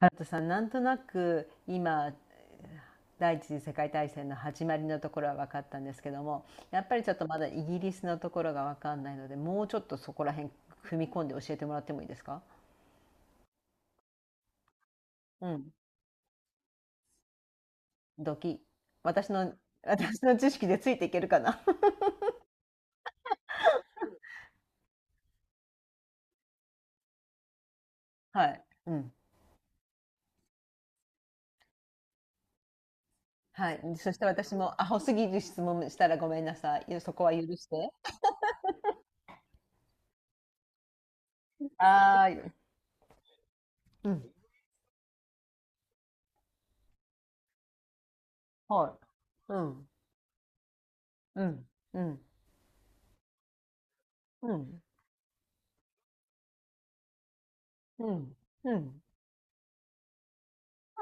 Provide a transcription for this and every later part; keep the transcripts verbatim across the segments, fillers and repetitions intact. ハルさん、なんとなく今第一次世界大戦の始まりのところは分かったんですけども、やっぱりちょっとまだイギリスのところが分かんないので、もうちょっとそこら辺踏み込んで教えてもらってもいいですか？うん、ドキ。私の、私の知識でついていけるかな。 はい。うん。はい。そして私もアホすぎる質問したらごめんなさい。いやそこは許して。ああ、うん。はい。うん。うん。うん。うん。うん。うん。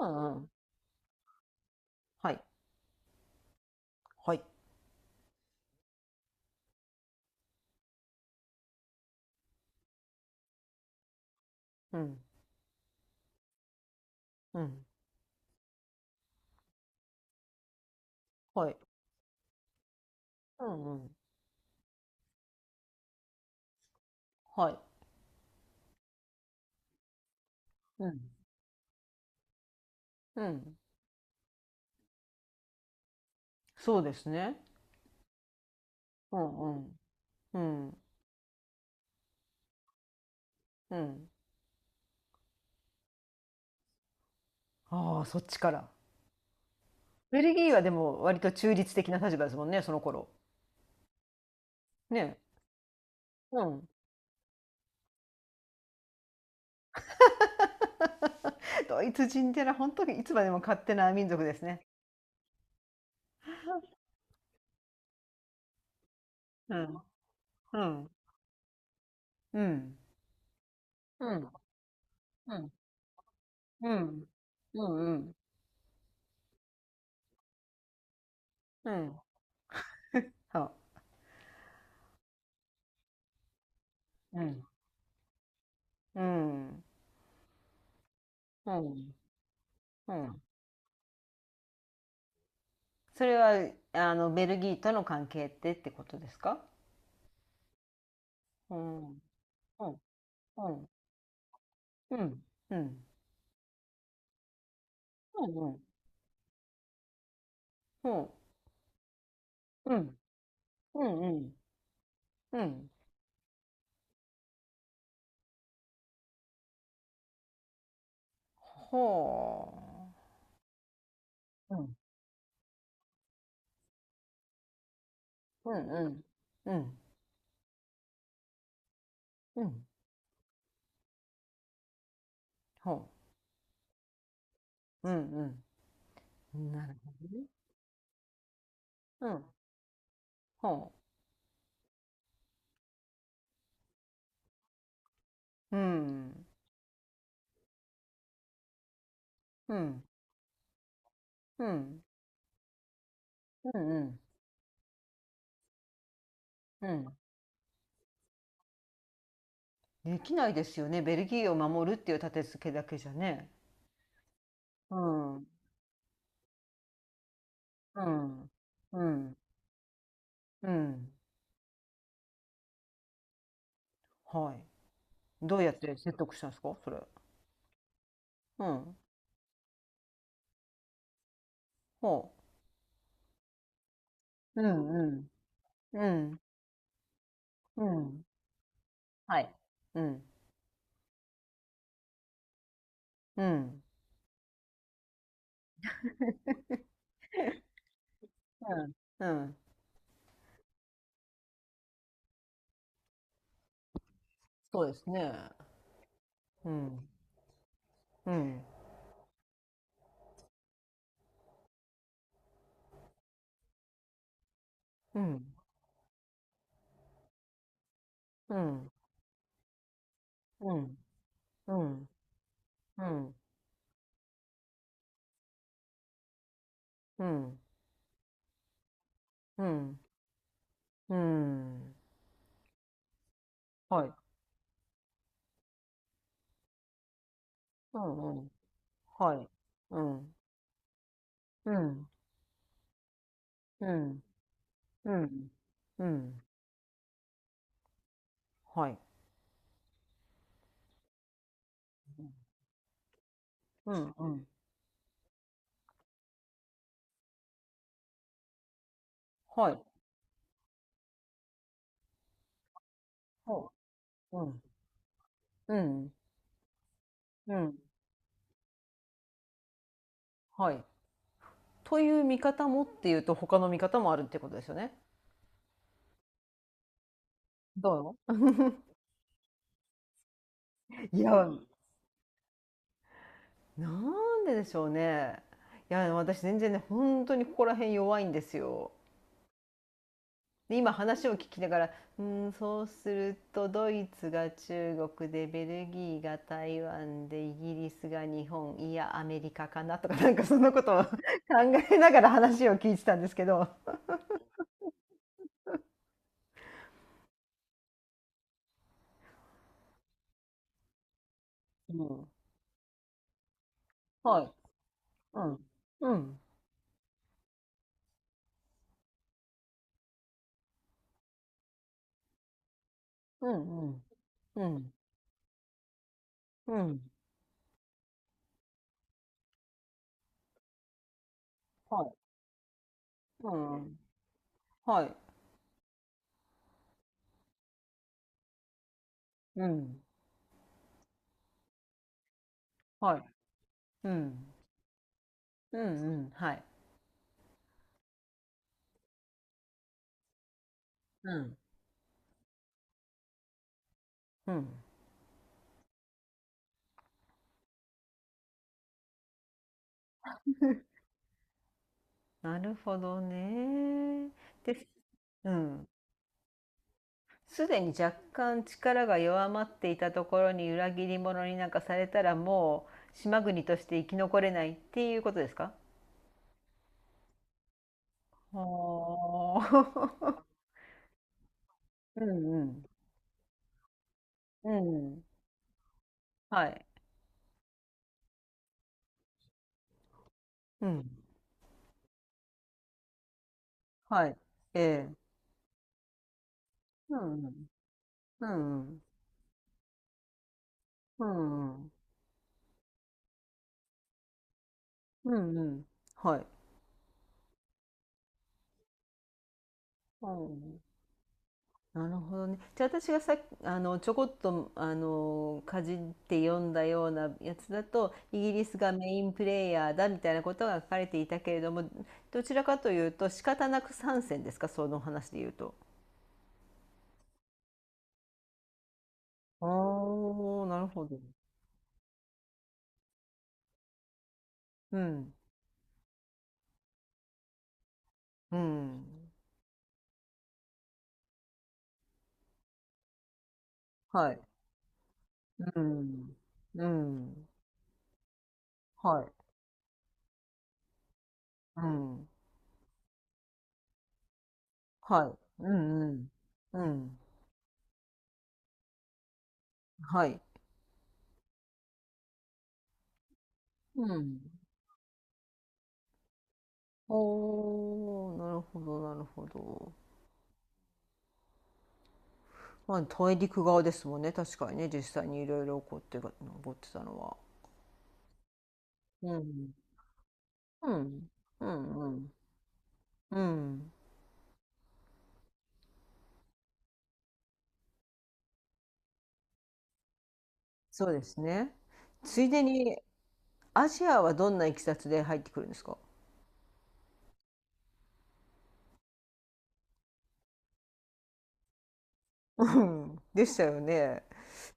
うん。うん。はい。はい。うん。うん。はい。うんうん。はい。うん。うん。そうですね。うんうん。うん。うん。ああ、そっちから。ベルギーはでも割と中立的な立場ですもんね、その頃。ね。うん。ドイツ人ってのは本当にいつまでも勝手な民族ですね。うん。うん。うん。うん。うん。うん。うん。うん。うん。は。うん。うん。うん。うん。それは、あの、ベルギーとの関係ってってことですか？うん、うん、うん、うん、うん、うん、うん、うん、うん、うん、うん、ほう、うん、うん、うん、うん、うん、ほう、うん、うん、なるほどね。うん、ほう、うん、うん、うん、うん、うん、うん。できないですよね。ベルギーを守るっていう立て付けだけじゃね。うん、うん、うん、うん、はい。どうやって説得したんですかそれ。うん。ほう。うん、うん。うん。うん。はい。うん。うん。うん。うん。そうですね。うん。うん。うん。うん。うん。うん。うん。うん。うん。うん。はい。うん。うん。はい。うん。うん。うん。うん。うん。はい。うん。うん。はい。ほう。うん。うん。うん。はい。という見方もっていうと他の見方もあるってことですよね。どういや、なんででしょうね。いや私全然ね本当にここら辺弱いんですよ。で今話を聞きながら「うーんそうするとドイツが中国でベルギーが台湾でイギリスが日本いやアメリカかな」とかなんかそんなことを 考えながら話を聞いてたんですけど。うん、はい。うん。うん。うん。うん。うん。うんはい。うん。はい。うん。はい。うん。うんうん。はい。うん。うん。なるほどね。です。うん。すでに若干力が弱まっていたところに裏切り者になんかされたらもう島国として生き残れないっていうことですか？はあ。うんうん。うん。はい。うん。はい。ええ。うんうん。うんうん。うんうん。うんうん。はい。うんなるほどね。じゃあ私がさあのちょこっとあのかじって読んだようなやつだとイギリスがメインプレイヤーだみたいなことが書かれていたけれども、どちらかというと仕方なく参戦ですかその話で言うと。ああなるほど。うんうんはいうんうんはいうんはいうんうんうんはいうんおーなるほどなるほど。まあ大陸側ですもんね確かにね実際にいろいろ起こってが起ってたのは。うん。うん、うんうんうんそうですね。ついでにアジアはどんないきさつで入ってくるんですか？うんでしたよね。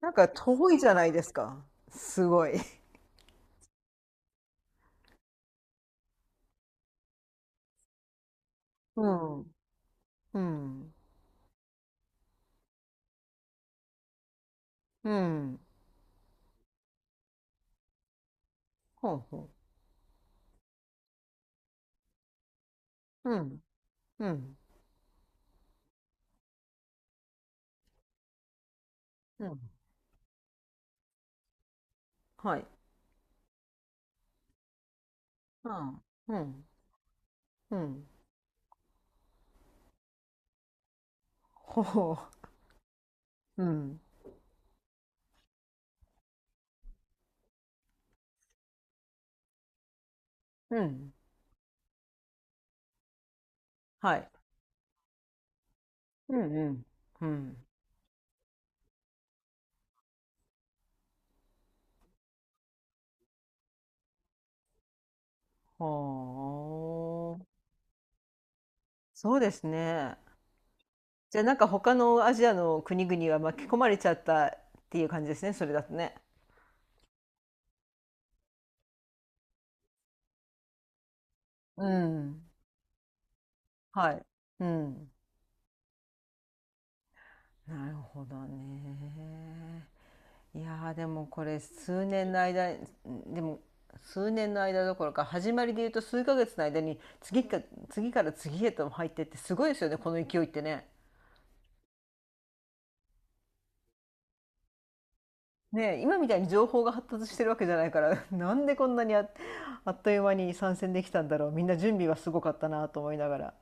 なんか遠いじゃないですか。すごい。うん。うん。うん。ほうほう。うん。うん。うん。はい。うん。うん。うん。ほうほう。うん。うん。はい。うんうん。うん。はあ、そうですね。じゃあなんか他のアジアの国々は巻き込まれちゃったっていう感じですね、それだとね。うん。はい。うん。なるほどね。いやーでもこれ数年の間、でも数年の間どころか始まりで言うと数ヶ月の間に次か、次から次へと入ってってすごいですよね、この勢いってね。ねえ、今みたいに情報が発達してるわけじゃないから なんでこんなにあ、あっという間に参戦できたんだろうみんな準備はすごかったなと思いながら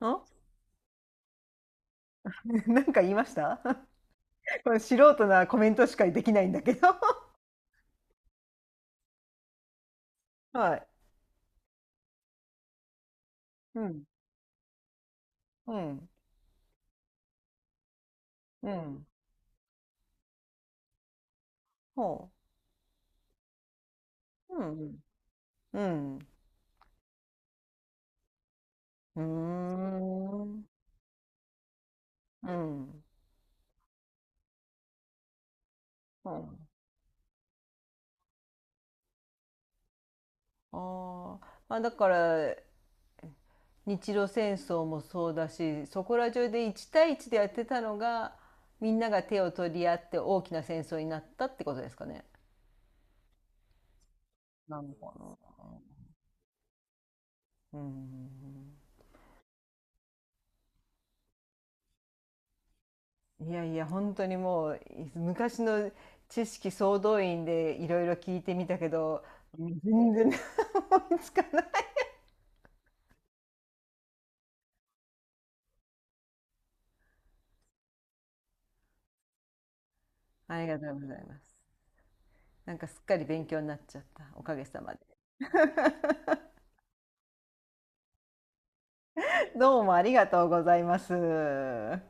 ん。 なんか言いました？ これ素人なコメントしかできないんだけど。 はいうんうんうんほううんうんうんうーんうんうんああまあだから日露戦争もそうだしそこら中でいち対いちでやってたのがみんなが手を取り合って大きな戦争になったってことですかね。なのかな。うんいやいや本当にもう昔の知識総動員でいろいろ聞いてみたけど全然思いつかない。ありがとうございます。なんかすっかり勉強になっちゃったおかげさまで。どうもありがとうございます。